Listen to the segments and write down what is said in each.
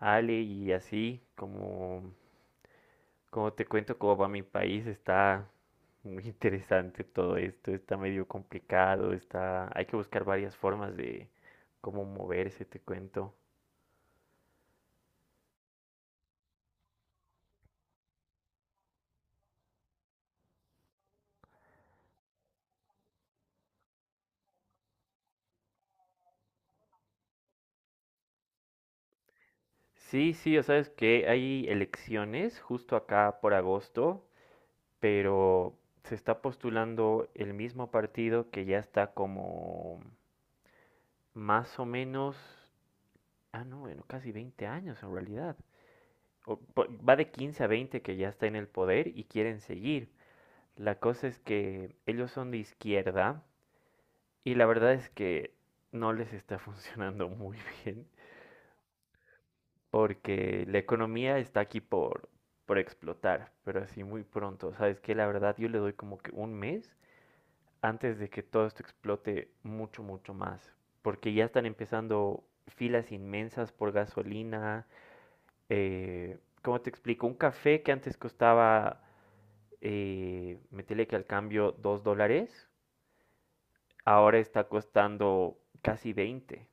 Ale y así, como te cuento, cómo va mi país, está muy interesante todo esto, está medio complicado, hay que buscar varias formas de cómo moverse, te cuento. Sí, sí, o sabes que hay elecciones justo acá por agosto, pero se está postulando el mismo partido que ya está como más o menos, ah, no, bueno, casi 20 años en realidad, o va de 15 a 20 que ya está en el poder y quieren seguir. La cosa es que ellos son de izquierda y la verdad es que no les está funcionando muy bien, porque la economía está aquí por explotar, pero así muy pronto. Sabes que la verdad yo le doy como que un mes antes de que todo esto explote mucho, mucho más, porque ya están empezando filas inmensas por gasolina. ¿Cómo te explico? Un café que antes costaba, meterle que al cambio 2 dólares, ahora está costando casi 20.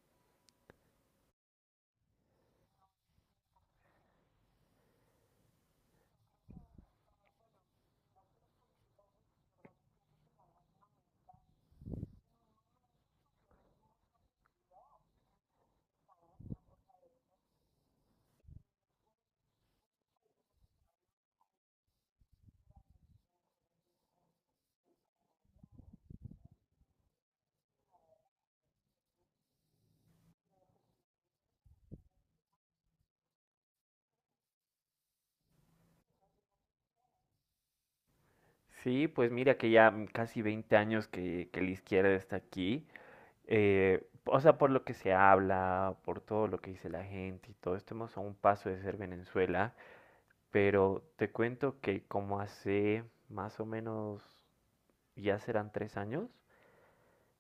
Sí, pues mira que ya casi 20 años que la izquierda está aquí. O sea, por lo que se habla, por todo lo que dice la gente y todo, estamos a un paso de ser Venezuela, pero te cuento que como hace más o menos, ya serán 3 años,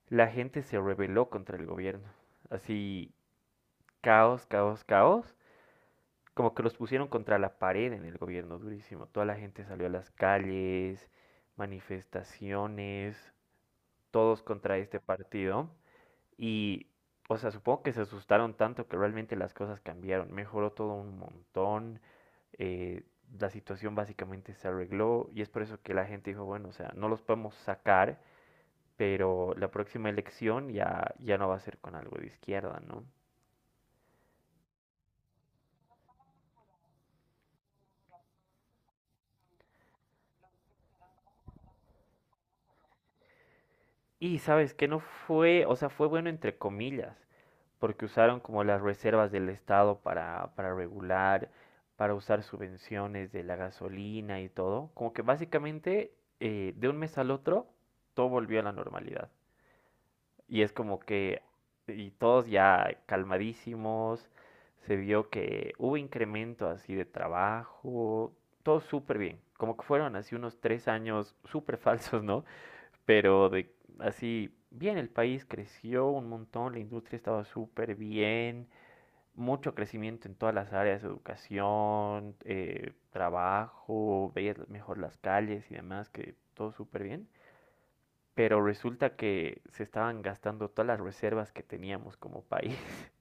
la gente se rebeló contra el gobierno. Así, caos, caos, caos. Como que los pusieron contra la pared en el gobierno, durísimo. Toda la gente salió a las calles, manifestaciones, todos contra este partido. Y, o sea, supongo que se asustaron tanto que realmente las cosas cambiaron. Mejoró todo un montón. eh, la situación básicamente se arregló y es por eso que la gente dijo, bueno, o sea, no los podemos sacar, pero la próxima elección ya, ya no va a ser con algo de izquierda, ¿no? Y sabes que no fue, o sea, fue bueno entre comillas, porque usaron como las reservas del Estado para, regular, para usar subvenciones de la gasolina y todo. Como que básicamente, de un mes al otro todo volvió a la normalidad. Y es como que, y todos ya calmadísimos, se vio que hubo incremento así de trabajo, todo súper bien. Como que fueron así unos 3 años súper falsos, ¿no? Pero de así, bien, el país creció un montón, la industria estaba súper bien, mucho crecimiento en todas las áreas, educación, trabajo, veías mejor las calles y demás, que todo súper bien. Pero resulta que se estaban gastando todas las reservas que teníamos como país.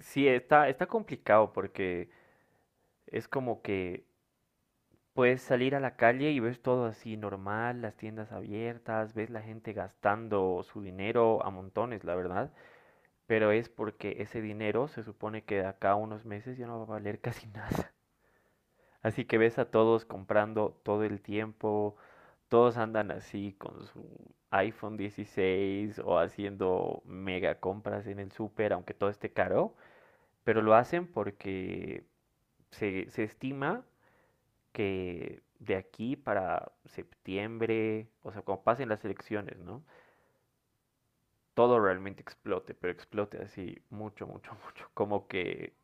Sí, está complicado porque es como que puedes salir a la calle y ves todo así normal, las tiendas abiertas, ves la gente gastando su dinero a montones, la verdad, pero es porque ese dinero se supone que de acá a unos meses ya no va a valer casi nada. Así que ves a todos comprando todo el tiempo, todos andan así con su iPhone 16 o haciendo mega compras en el súper, aunque todo esté caro, pero lo hacen porque se, estima que de aquí para septiembre, o sea, cuando pasen las elecciones, ¿no? Todo realmente explote, pero explote así mucho, mucho, mucho, como que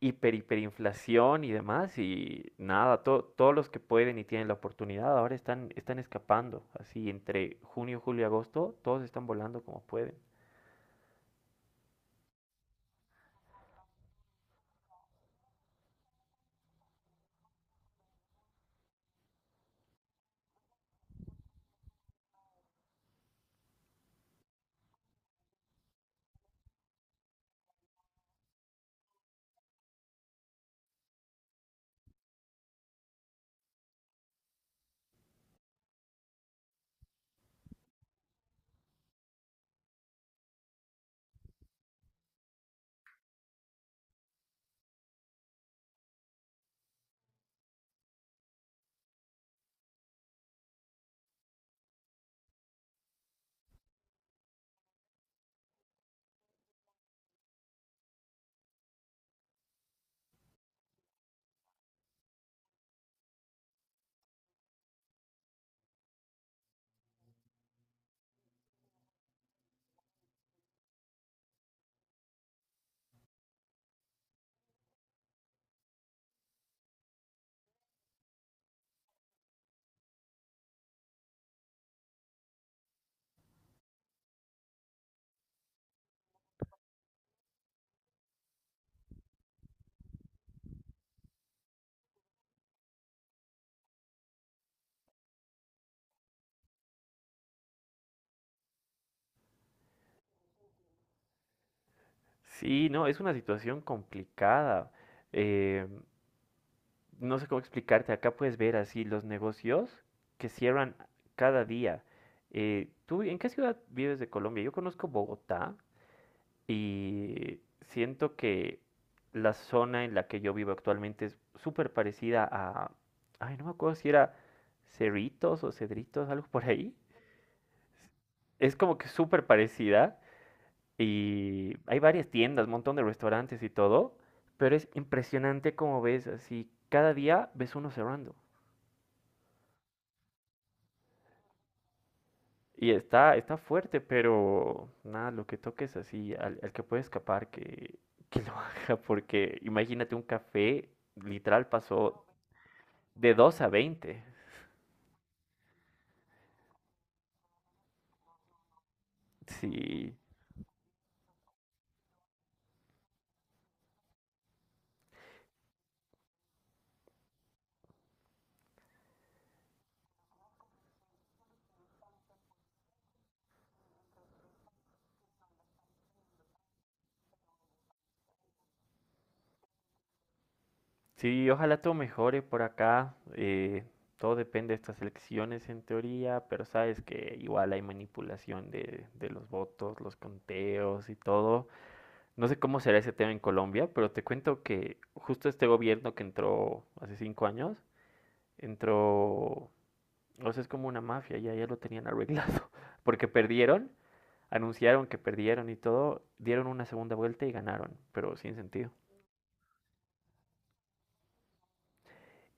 hiperinflación y demás, y nada, todos los que pueden y tienen la oportunidad ahora están, están escapando, así entre junio, julio y agosto, todos están volando como pueden. Sí, no, es una situación complicada. Eh, no sé cómo explicarte, acá puedes ver así los negocios que cierran cada día. ¿Tú en qué ciudad vives de Colombia? Yo conozco Bogotá y siento que la zona en la que yo vivo actualmente es súper parecida a... Ay, no me acuerdo si era Cerritos o Cedritos, algo por ahí. Es como que súper parecida y hay varias tiendas, un montón de restaurantes y todo, pero es impresionante como ves así, cada día ves uno cerrando. Y está fuerte, pero nada, lo que toques así, al, que puede escapar, que lo haga, porque imagínate un café, literal pasó de 2 a 20. Sí, sí, ojalá todo mejore por acá. Todo depende de estas elecciones en teoría, pero sabes que igual hay manipulación de los votos, los conteos y todo. No sé cómo será ese tema en Colombia, pero te cuento que justo este gobierno que entró hace 5 años, entró o sea, es como una mafia, ya, ya lo tenían arreglado. Porque perdieron, anunciaron que perdieron y todo, dieron una segunda vuelta y ganaron, pero sin sentido.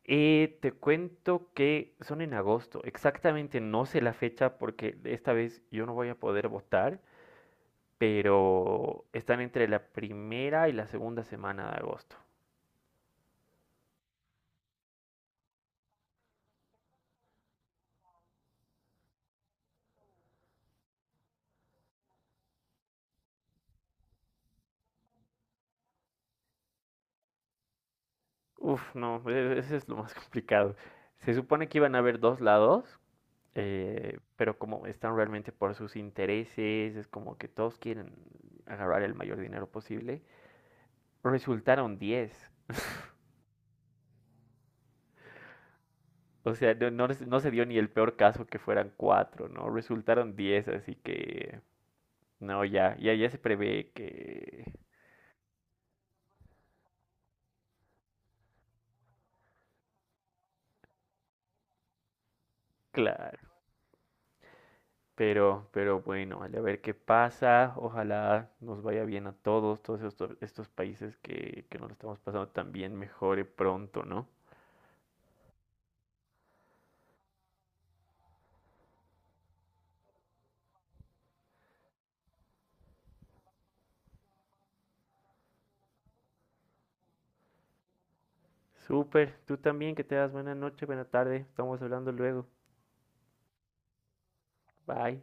Te cuento que son en agosto, exactamente no sé la fecha porque esta vez yo no voy a poder votar, pero están entre la primera y la segunda semana de agosto. Uf, no, ese es lo más complicado. Se supone que iban a haber dos lados, pero como están realmente por sus intereses, es como que todos quieren agarrar el mayor dinero posible, resultaron 10. O sea, no, no, no se dio ni el peor caso que fueran cuatro, ¿no? Resultaron diez, así que no, ya, ya, ya se prevé que, claro. Pero bueno, vale, a ver qué pasa. Ojalá nos vaya bien a todos, estos países que nos lo estamos pasando, también mejore pronto, ¿no? Súper, tú también, que te das buena noche, buena tarde. Estamos hablando luego. Bye.